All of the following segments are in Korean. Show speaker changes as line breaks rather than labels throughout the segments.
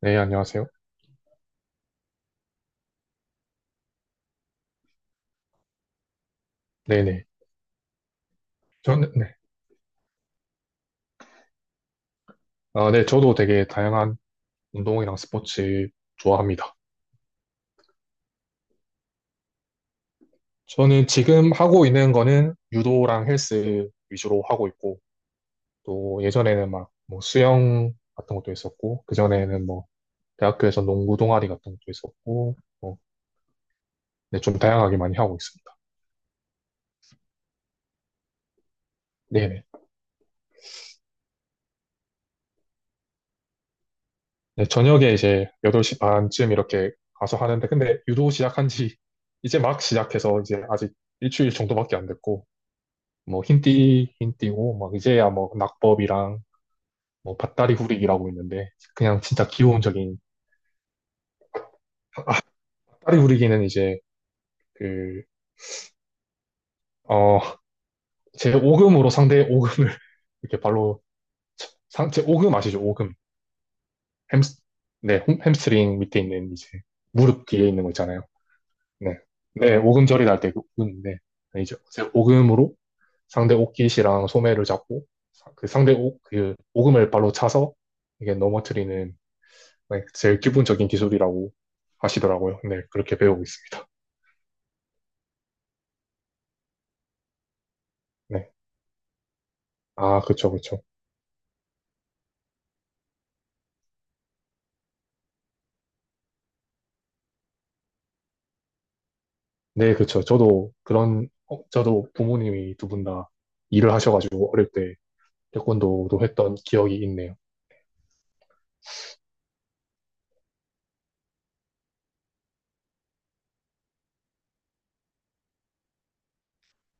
네, 안녕하세요. 네네. 저는, 네. 아, 네, 저도 되게 다양한 운동이랑 스포츠 좋아합니다. 저는 지금 하고 있는 거는 유도랑 헬스 위주로 하고 있고, 또 예전에는 막 뭐 수영 같은 것도 있었고, 그전에는 뭐 대학교에서 농구 동아리 같은 것도 있었고, 뭐, 네, 좀 다양하게 많이 하고 있습니다. 네네. 네, 저녁에 이제 8시 반쯤 이렇게 가서 하는데, 근데 유도 시작한 지 이제 막 시작해서 이제 아직 일주일 정도밖에 안 됐고, 뭐 흰띠고 막 이제야 뭐 낙법이랑 뭐 밭다리 구리기라고 있는데 그냥 진짜 기본적인. 밭다리 구리기는 이제 그 어 제 오금으로 상대의 오금을 이렇게 발로 상, 제 오금 아시죠? 오금. 햄스, 네, 햄스트링 밑에 있는 이제 무릎 뒤에 있는 거 있잖아요. 네, 네 오금절이 날 때그금인데 이제 제 오금으로 상대 옷깃이랑 소매를 잡고 그 상대 옷 그 오금을 발로 차서 이게 넘어뜨리는. 네, 제일 기본적인 기술이라고 하시더라고요. 네, 그렇게 배우고 있습니다. 네. 아, 그쵸, 그쵸. 네, 그쵸. 저도 그런, 어, 저도 부모님이 두 분 다 일을 하셔가지고 어릴 때 태권도도 했던 기억이 있네요.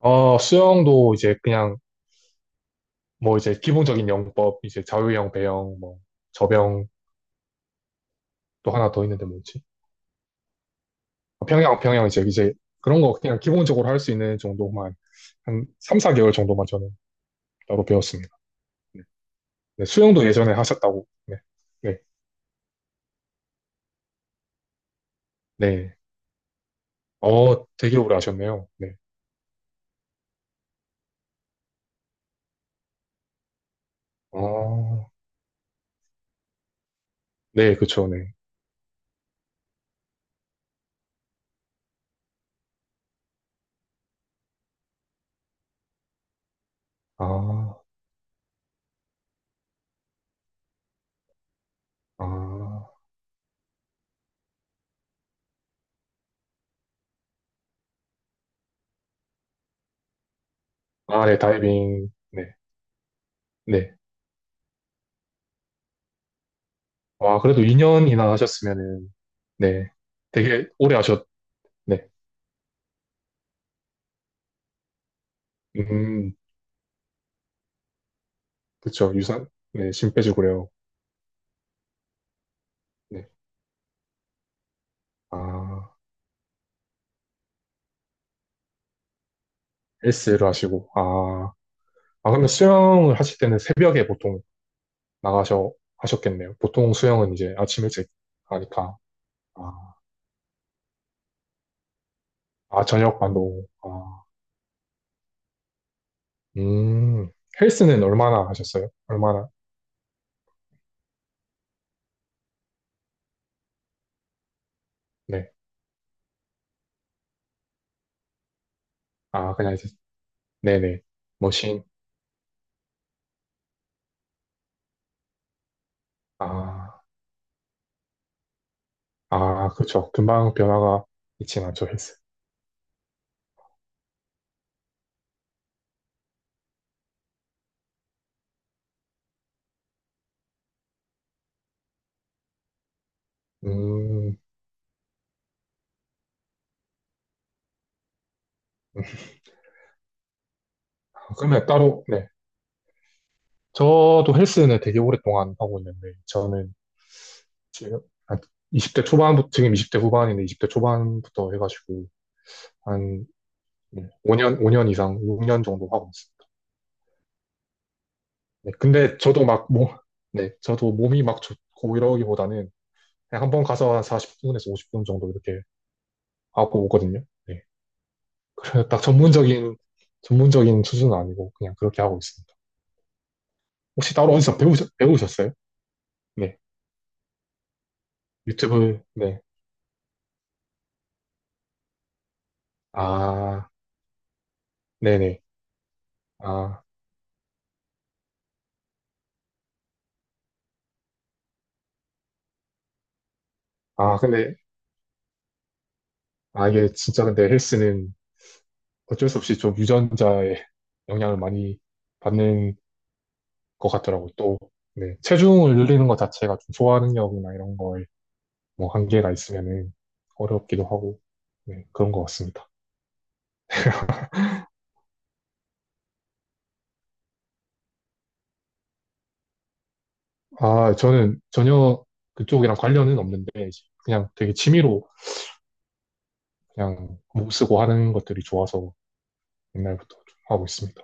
어, 수영도 이제 그냥 뭐 이제 기본적인 영법, 이제 자유형, 배영, 뭐 접영 또 하나 더 있는데 뭐지? 아, 평영 이제 그런 거 그냥 기본적으로 할 수 있는 정도만 한 3, 4개월 정도만 저는 따로 배웠습니다. 네. 네, 수영도 예전에 하셨다고. 네. 네. 네. 어, 되게 오래 하셨네요. 네. 아, 네, 그쵸, 네. 아, 아, 아, 네, 다이빙. 네, 네. 와, 그래도 2년이나 하셨으면은, 네. 되게 오래 하셨, 네. 음, 그쵸, 유산, 네, 심 빼주고요. 네. 아, 헬스를 하시고, 아, 아, 그러면 수영을 하실 때는 새벽에 보통 나가셔, 하셨겠네요. 보통 수영은 이제 아침 일찍 하니까, 아, 아, 저녁 반도, 아. 음, 헬스는 얼마나 하셨어요? 얼마나? 네. 아, 그냥 이제, 네네. 머신. 아, 아, 그렇죠. 금방 변화가 있진 않죠, 헬스. 음, 음. 그러면 따로, 네. 저도 헬스는 되게 오랫동안 하고 있는데, 저는 지금 한 20대 초반부터, 지금 20대 후반인데, 20대 초반부터 해가지고, 한 5년, 5년 이상, 6년 정도 하고 있습니다. 네. 근데 저도 막, 뭐, 네. 저도 몸이 막 좋고 이러기보다는, 그냥 한번 가서 한 40분에서 50분 정도 이렇게 하고 오거든요. 네. 딱 전문적인 수준은 아니고 그냥 그렇게 하고 있습니다. 혹시 따로 어디서 배우셨어요? 네. 유튜브, 네. 아, 네네. 아, 아, 근데, 아, 이게 진짜 근데 헬스는 어쩔 수 없이 좀 유전자의 영향을 많이 받는 것 같더라고요. 또, 네. 체중을 늘리는 것 자체가 좀 소화 능력이나 이런 거에 뭐 한계가 있으면은 어렵기도 하고, 네. 그런 것 같습니다. 아, 저는 전혀 그쪽이랑 관련은 없는데, 이제 그냥 되게 취미로 그냥 목 쓰고 하는 것들이 좋아서 옛날부터 좀 하고 있습니다.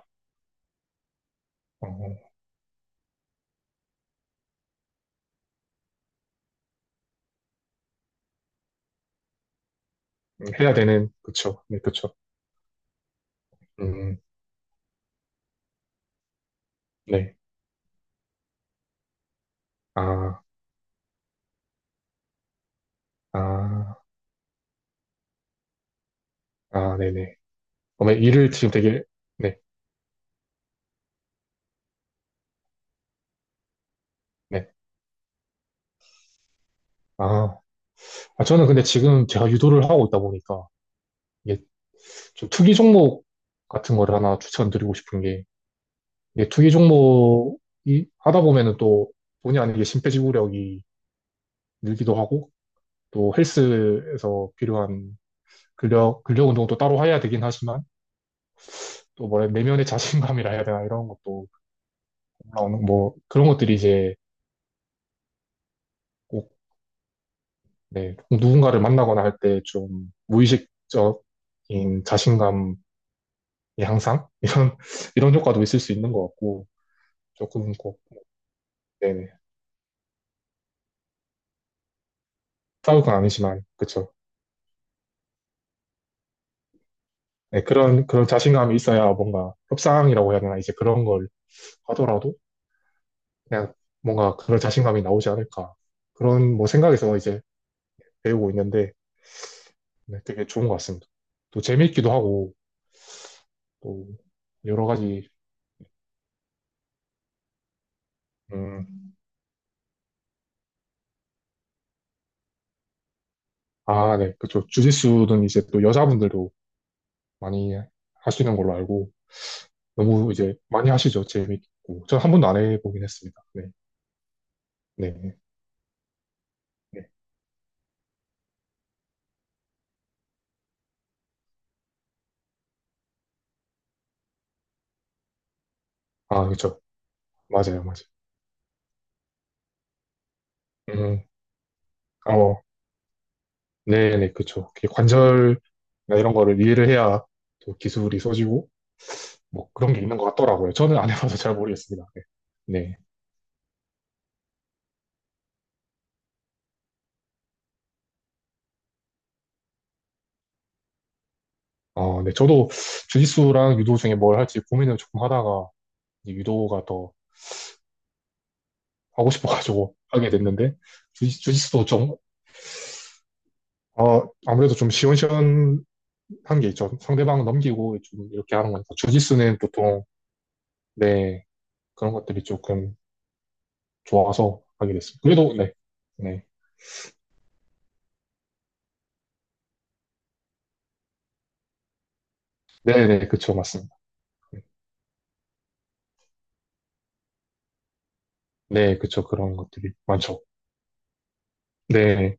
어, 해야 되는, 그쵸. 네, 그쵸. 음, 네. 아, 아, 아, 네네. 그머 일을 지금 되게, 네, 네. 아, 아, 저는 근데 지금 제가 유도를 하고 있다 보니까 이게 좀 투기 종목 같은 거를 하나 추천드리고 싶은 게 이게 투기 종목이 하다 보면은 또 본의 아니게 심폐지구력이 늘기도 하고 또 헬스에서 필요한 근력 운동도 따로 해야 되긴 하지만 또 뭐래 내면의 자신감이라 해야 되나 이런 것도 올라오는 뭐 그런 것들이 이제 꼭, 네, 꼭 누군가를 만나거나 할 때 좀 무의식적인 자신감의 향상 이런 이런 효과도 있을 수 있는 것 같고 조금 꼭, 네네, 싸울 건 아니지만 그쵸. 네, 그런 그런 자신감이 있어야 뭔가 협상이라고 해야 되나 이제 그런 걸 하더라도 그냥 뭔가 그런 자신감이 나오지 않을까 그런 뭐 생각에서 이제 배우고 있는데 네, 되게 좋은 것 같습니다. 또 재미있기도 하고 또 여러 가지. 음, 아, 네, 그쵸. 주짓수는 이제 또 여자분들도 많이 하시는 걸로 알고 너무 이제 많이 하시죠. 재밌고 전 한 번도 안 해보긴 했습니다. 네, 네, 네. 네. 아, 그쵸. 맞아요, 맞아요. 음, 어, 네, 네, 그쵸. 이게 관절이나 이런 거를 이해를 해야 또 기술이 써지고 뭐 그런 게 있는 것 같더라고요. 저는 안 해봐서 잘 모르겠습니다. 네, 네. 어, 네, 저도 주짓수랑 유도 중에 뭘 할지 고민을 조금 하다가 이제 유도가 더 하고 싶어가지고 하게 됐는데 주짓수도 좀, 어, 아무래도 좀 시원시원한 게 있죠. 상대방 넘기고 좀 이렇게 하는 거니까 주짓수는 보통 네, 그런 것들이 조금 좋아서 하게 됐어요. 그래도 네, 네, 네, 네, 그쵸, 맞습니다. 네, 그쵸, 그런 것들이 많죠. 네,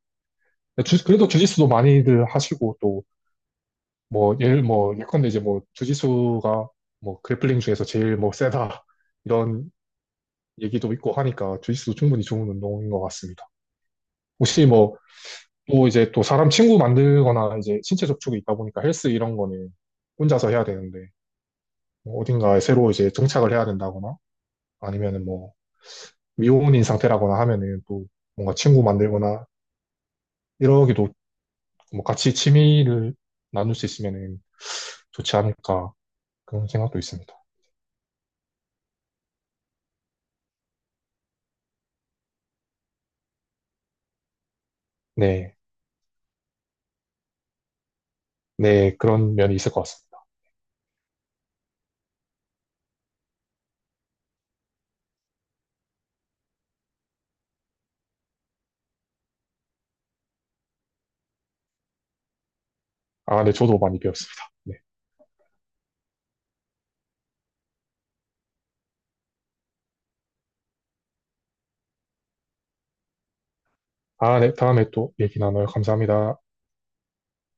그래도 주짓수도 많이들 하시고 또 뭐 예컨대 이제 뭐 주짓수가 뭐 그래플링 중에서 제일 뭐 세다 이런 얘기도 있고 하니까 주짓수도 충분히 좋은 운동인 것 같습니다. 혹시 뭐, 또 이제 또 사람 친구 만들거나 이제 신체 접촉이 있다 보니까 헬스 이런 거는 혼자서 해야 되는데, 뭐 어딘가에 새로 이제 정착을 해야 된다거나, 아니면은 뭐, 미혼인 상태라거나 하면은 또 뭔가 친구 만들거나, 이러기도 뭐 같이 취미를 나눌 수 있으면은 좋지 않을까, 그런 생각도 있습니다. 네. 네, 그런 면이 있을 것 같습니다. 아, 네, 저도 많이 배웠습니다. 네. 아, 네, 다음에 또 얘기 나눠요. 감사합니다.